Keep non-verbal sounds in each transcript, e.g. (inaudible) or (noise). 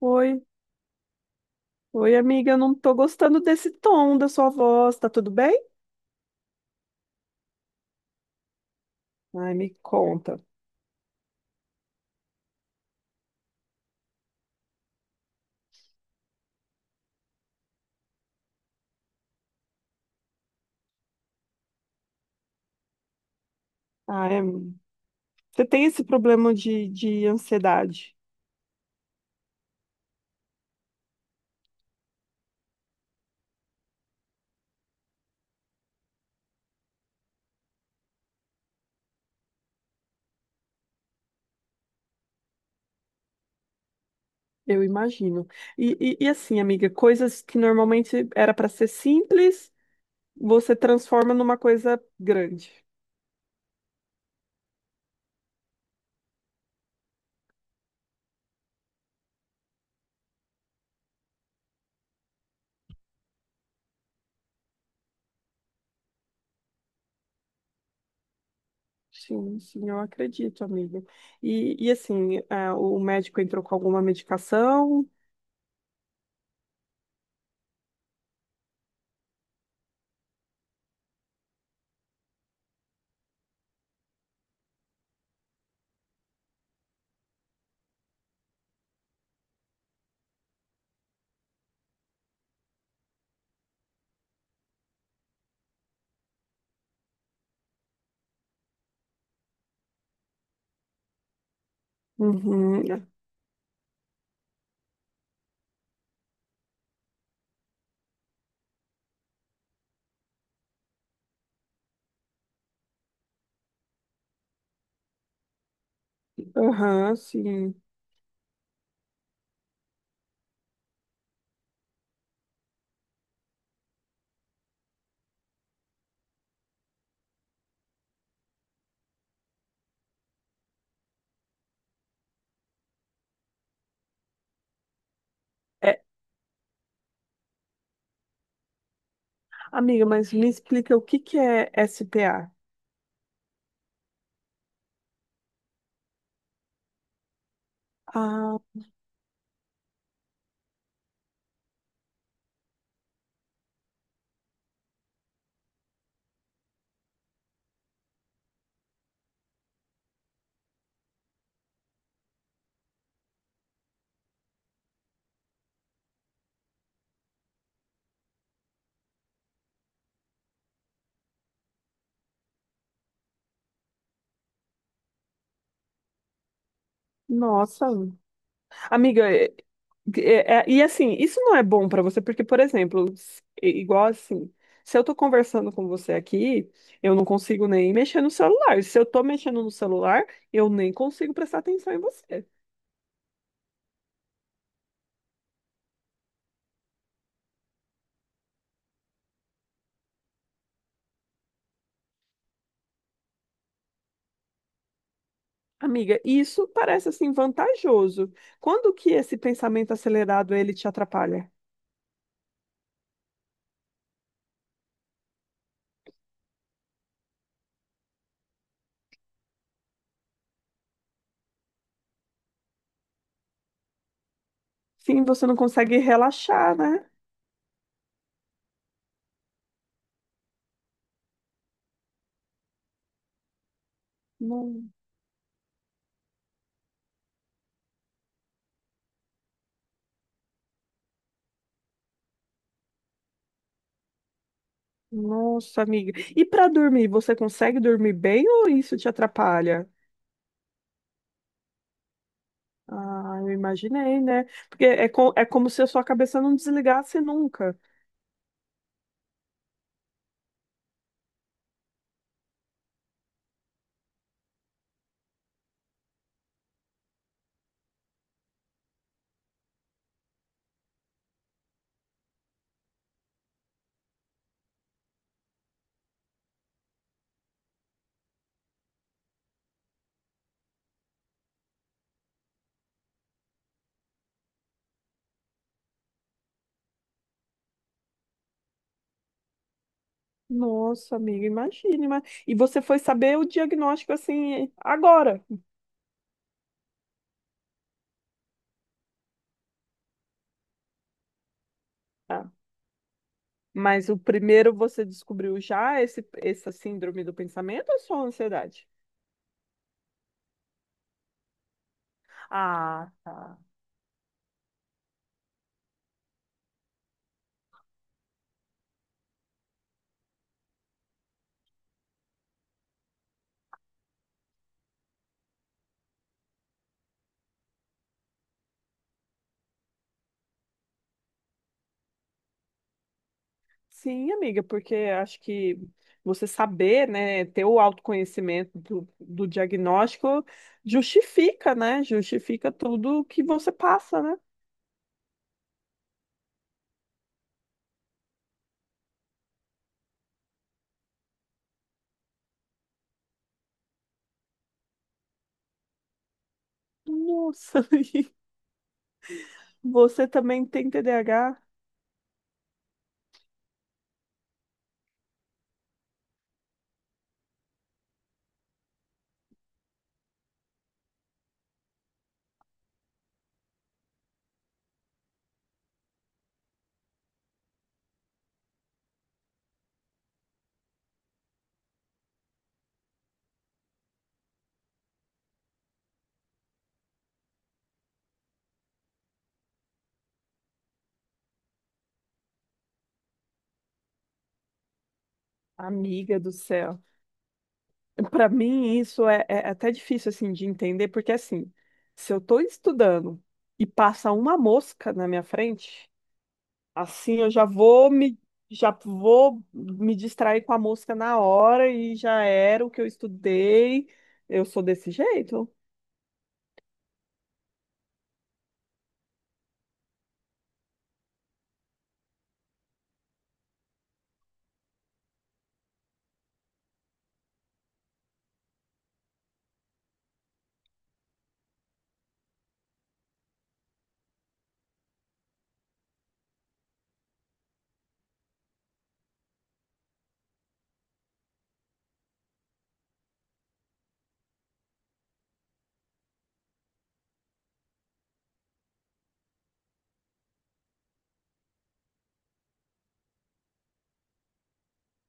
Oi, oi, amiga. Eu não tô gostando desse tom da sua voz. Tá tudo bem? Ai, me conta. Ah, é... Você tem esse problema de ansiedade? Eu imagino. E assim, amiga, coisas que normalmente era para ser simples, você transforma numa coisa grande. Sim, sim, eu acredito, amiga. E assim, ah, o médico entrou com alguma medicação? Uhum. Aham, sim. É, amiga, mas me explica o que que é SPA? Ah, nossa. Amiga, e assim, isso não é bom pra você, porque, por exemplo, igual assim, se eu tô conversando com você aqui, eu não consigo nem mexer no celular. Se eu tô mexendo no celular, eu nem consigo prestar atenção em você. Amiga, isso parece assim vantajoso. Quando que esse pensamento acelerado ele te atrapalha? Sim, você não consegue relaxar, né? Não- Nossa, amiga. E pra dormir, você consegue dormir bem ou isso te atrapalha? Ah, eu imaginei, né? Porque é, co é como se a sua cabeça não desligasse nunca. Nossa, amiga, imagine. Mas... E você foi saber o diagnóstico assim agora. Ah, mas o primeiro você descobriu já essa síndrome do pensamento ou só ansiedade? Ah, tá. Sim, amiga, porque acho que você saber, né, ter o autoconhecimento do diagnóstico justifica, né? Justifica tudo que você passa, né? Nossa, (laughs) Você também tem TDAH? Amiga do céu. Para mim, isso é, é até difícil assim de entender, porque assim, se eu estou estudando e passa uma mosca na minha frente, assim eu já vou me distrair com a mosca na hora e já era o que eu estudei. Eu sou desse jeito.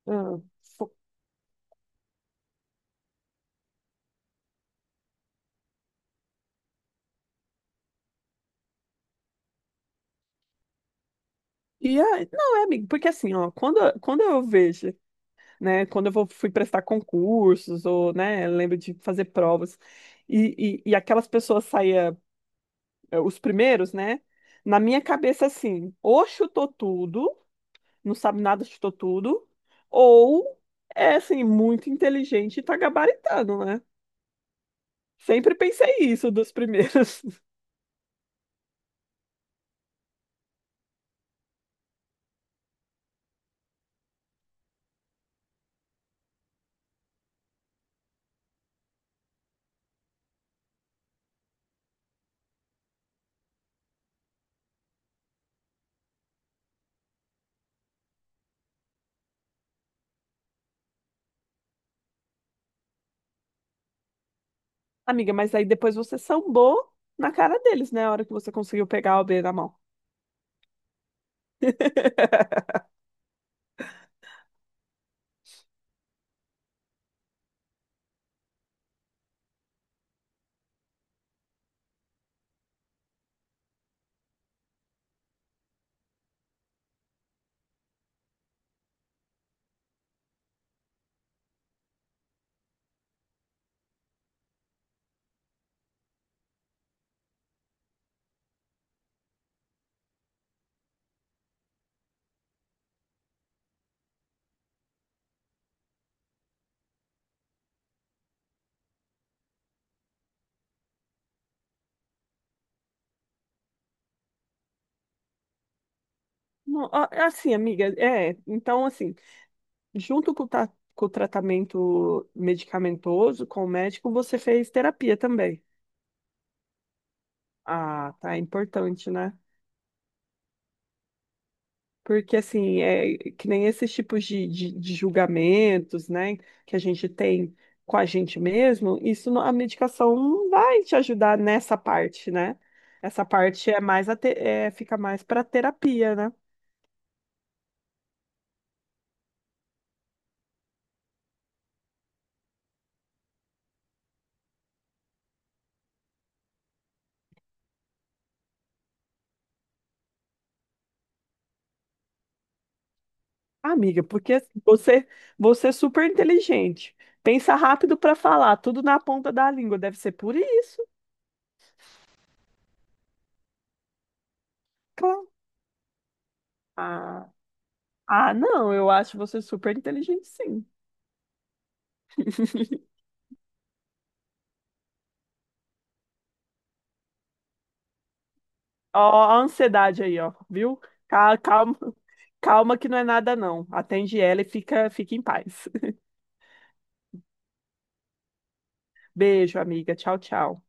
Ah, fo- E aí, não, é, amigo, porque assim, ó, quando eu vejo, né? Fui prestar concursos, ou, né, eu lembro de fazer provas, e aquelas pessoas saía, os primeiros, né? Na minha cabeça, assim, ou chutou tudo, não sabe nada, chutou tudo, ou é, assim, muito inteligente e tá gabaritando, né? Sempre pensei isso dos primeiros. (laughs) Amiga, mas aí depois você sambou na cara deles, né? A hora que você conseguiu pegar o B na mão. (laughs) Não, assim, amiga, é. Então, assim, junto com com o tratamento medicamentoso, com o médico, você fez terapia também. Ah, tá, é importante, né? Porque, assim, é que nem esses tipos de julgamentos, né, que a gente tem com a gente mesmo, a medicação não vai te ajudar nessa parte, né? Essa parte é mais é, fica mais para terapia, né? Ah, amiga, porque assim, você é super inteligente. Pensa rápido para falar, tudo na ponta da língua, deve ser por isso. Claro. Ah, ah, não, eu acho você super inteligente, sim. Ó, a ansiedade aí, ó, viu? Calma, calma que não é nada, não. Atende ela e fica, fica em paz. (laughs) Beijo, amiga. Tchau, tchau.